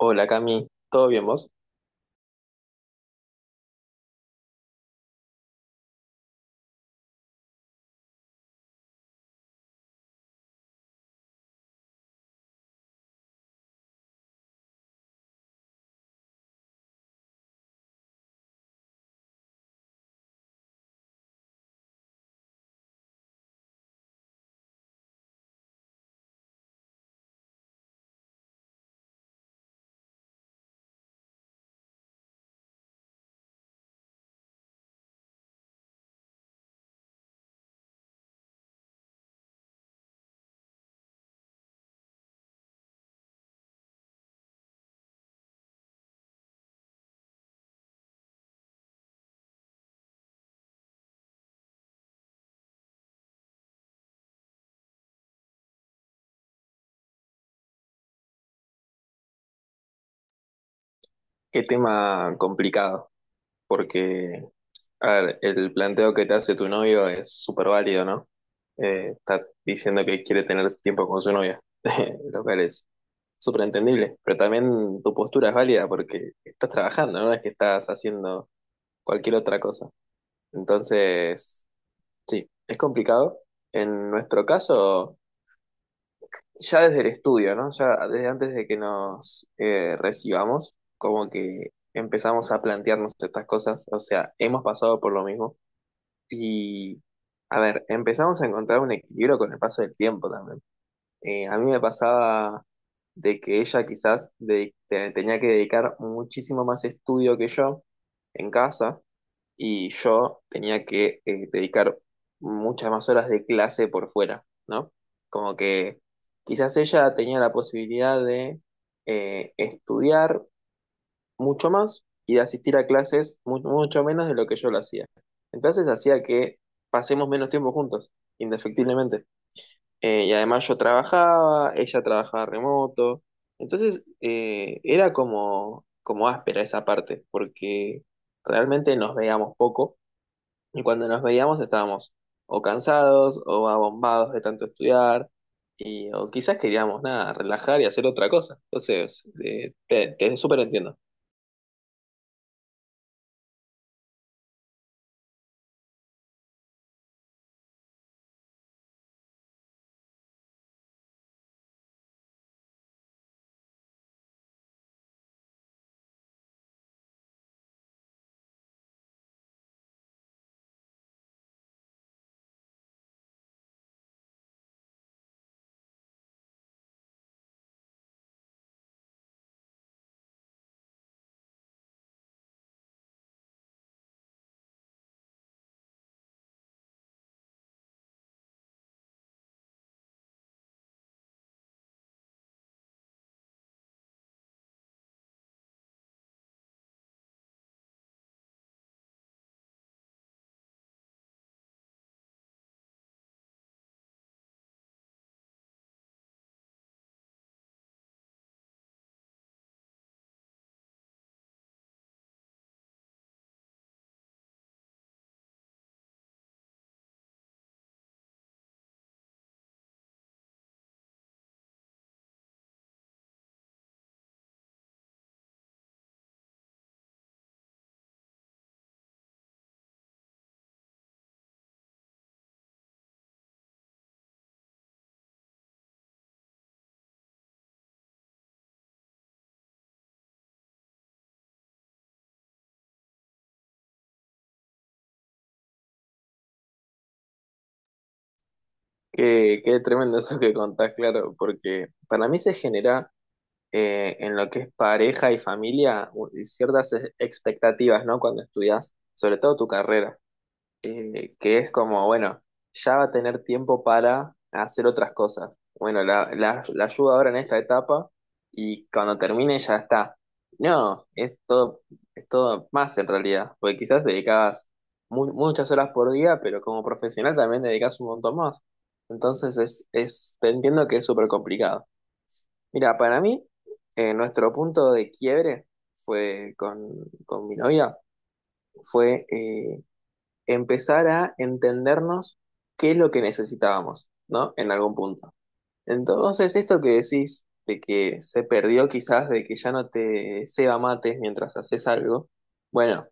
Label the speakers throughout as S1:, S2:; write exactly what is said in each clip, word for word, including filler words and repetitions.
S1: Hola Cami, ¿todo bien vos? Qué tema complicado, porque, a ver, el planteo que te hace tu novio es súper válido, ¿no? Eh, está diciendo que quiere tener tiempo con su novia, lo cual es súper entendible, pero también tu postura es válida porque estás trabajando, no es que estás haciendo cualquier otra cosa. Entonces, sí, es complicado. En nuestro caso... ya desde el estudio, ¿no? Ya desde antes de que nos eh, recibamos, como que empezamos a plantearnos estas cosas, o sea, hemos pasado por lo mismo y, a ver, empezamos a encontrar un equilibrio con el paso del tiempo también. Eh, a mí me pasaba de que ella quizás de- te- tenía que dedicar muchísimo más estudio que yo en casa y yo tenía que eh, dedicar muchas más horas de clase por fuera, ¿no? Como que quizás ella tenía la posibilidad de eh, estudiar mucho más y de asistir a clases mu- mucho menos de lo que yo lo hacía. Entonces hacía que pasemos menos tiempo juntos, indefectiblemente. Eh, y además yo trabajaba, ella trabajaba remoto. Entonces eh, era como, como áspera esa parte, porque realmente nos veíamos poco y cuando nos veíamos estábamos o cansados o abombados de tanto estudiar, y, o quizás queríamos nada, relajar y hacer otra cosa. Entonces, eh, te, te súper entiendo. Qué, qué tremendo eso que contás, claro, porque para mí se genera eh, en lo que es pareja y familia u- ciertas e- expectativas, ¿no? Cuando estudias, sobre todo tu carrera. Eh, que es como, bueno, ya va a tener tiempo para hacer otras cosas. Bueno, la, la, la ayuda ahora en esta etapa y cuando termine ya está. No, es todo, es todo más en realidad, porque quizás dedicabas mu- muchas horas por día, pero como profesional también dedicas un montón más. Entonces es, es, te entiendo que es súper complicado. Mira, para mí, eh, nuestro punto de quiebre fue con, con mi novia, fue eh, empezar a entendernos qué es lo que necesitábamos, ¿no? En algún punto. Entonces, esto que decís de que se perdió quizás, de que ya no te ceba mates mientras haces algo, bueno,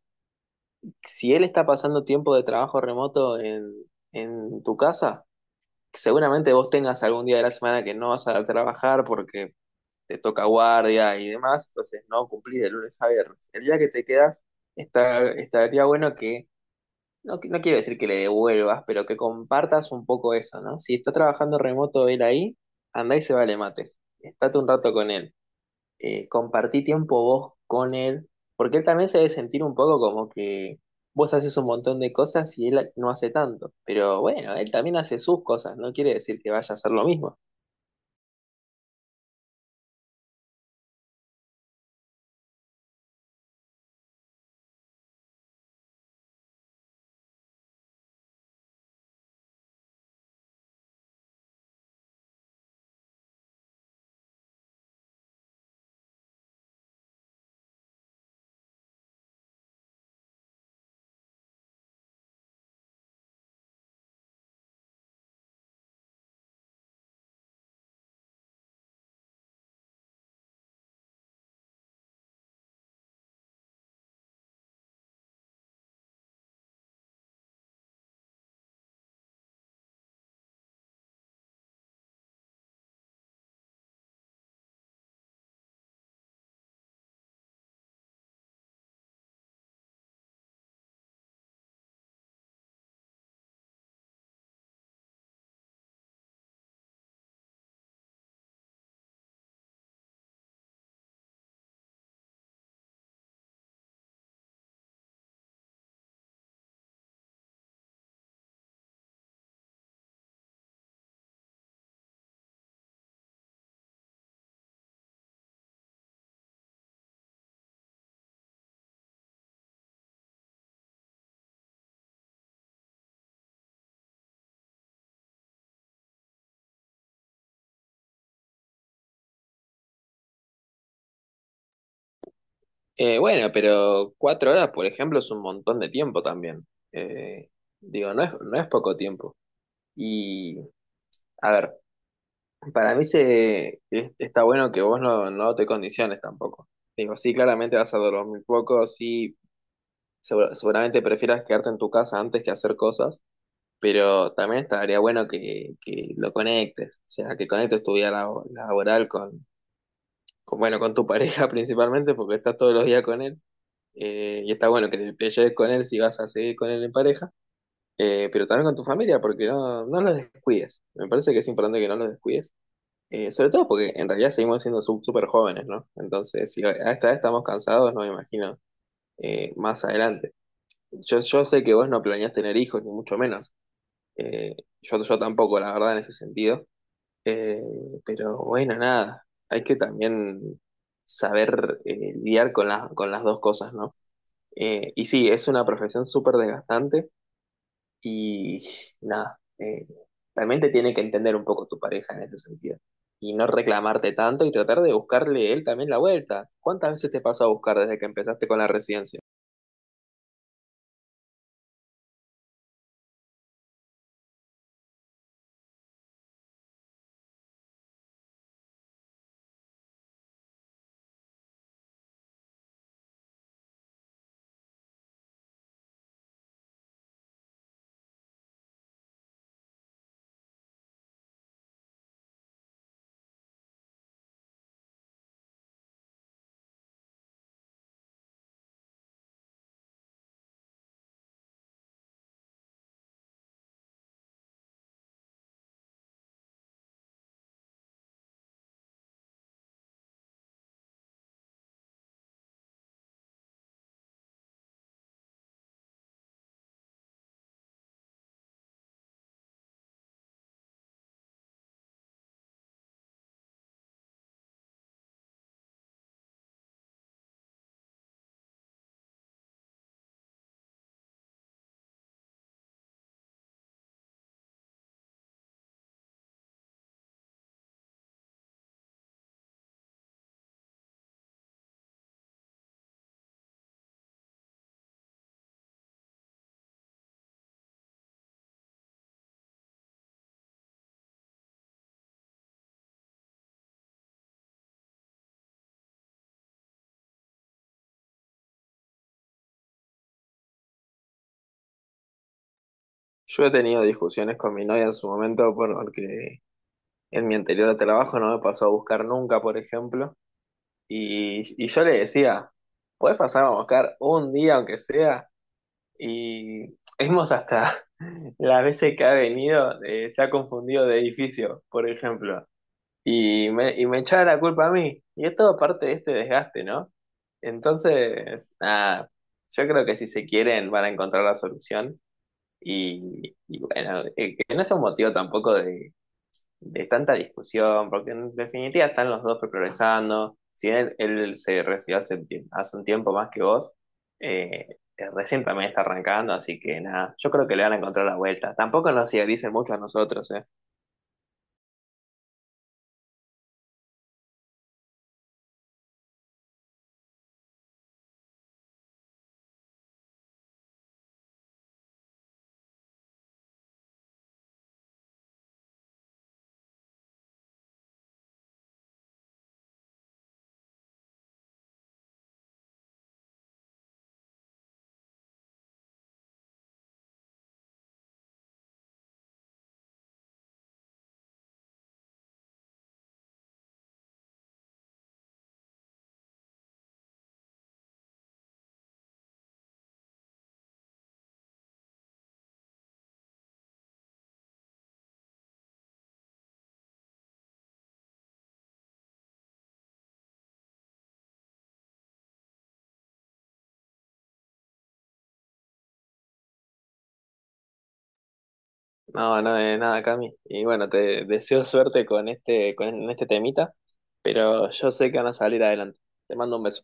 S1: si él está pasando tiempo de trabajo remoto en, en tu casa, seguramente vos tengas algún día de la semana que no vas a trabajar porque te toca guardia y demás, entonces no cumplís de lunes a viernes. El día que te quedas, está, estaría bueno que no, qui- no quiero decir que le devuelvas, pero que compartas un poco eso, ¿no? Si está trabajando remoto él ahí, andá y se vale mates. Estate un rato con él. Eh, compartí tiempo vos con él, porque él también se debe sentir un poco como que vos haces un montón de cosas y él no hace tanto. Pero bueno, él también hace sus cosas, no quiere decir que vaya a hacer lo mismo. Eh, bueno, pero cuatro horas, por ejemplo, es un montón de tiempo también. Eh, Digo, no es, no es poco tiempo. Y. A ver, para mí se, es- está bueno que vos no, no te condiciones tampoco. Digo, sí, claramente vas a dormir poco, sí, segura- seguramente prefieras quedarte en tu casa antes que hacer cosas, pero también estaría bueno que, que lo conectes, o sea, que conectes tu vida labo- laboral con, con, bueno, con tu pareja principalmente, porque estás todos los días con él, eh, y está bueno que te, te lleves con él si vas a seguir con él en pareja, eh, pero también con tu familia, porque no, no los descuides. Me parece que es importante que no los descuides. Eh, sobre todo porque en realidad seguimos siendo su- súper jóvenes, ¿no? Entonces, si a esta edad estamos cansados, no me imagino eh, más adelante. Yo, yo sé que vos no planeás tener hijos, ni mucho menos. Eh, yo, yo tampoco, la verdad, en ese sentido. Eh, pero bueno, nada, hay que también saber eh, lidiar con las, con las dos cosas, ¿no? Eh, y sí, es una profesión súper desgastante y nada, eh, también te tiene que entender un poco tu pareja en ese sentido. Y no reclamarte tanto y tratar de buscarle él también la vuelta. ¿Cuántas veces te pasó a buscar desde que empezaste con la residencia? Yo he tenido discusiones con mi novia en su momento porque en mi anterior trabajo no me pasó a buscar nunca, por ejemplo. Y, y yo le decía, puedes pasar a buscar un día aunque sea. Y hemos hasta las veces que ha venido, eh, se ha confundido de edificio, por ejemplo. Y me, y me echaba la culpa a mí. Y es todo parte de este desgaste, ¿no? Entonces, nada, yo creo que si se quieren van a encontrar la solución. Y, y bueno, eh, que no es un motivo tampoco de, de tanta discusión, porque en definitiva están los dos progresando. Si él, él se recibió hace, un tiemp- hace un tiempo más que vos, eh, recién también está arrancando, así que nada, yo creo que le van a encontrar la vuelta. Tampoco nos idealicen mucho a nosotros, ¿eh? No, no, de nada, Cami. Y bueno, te deseo suerte con este, con este temita, pero yo sé que van a salir adelante. Te mando un beso.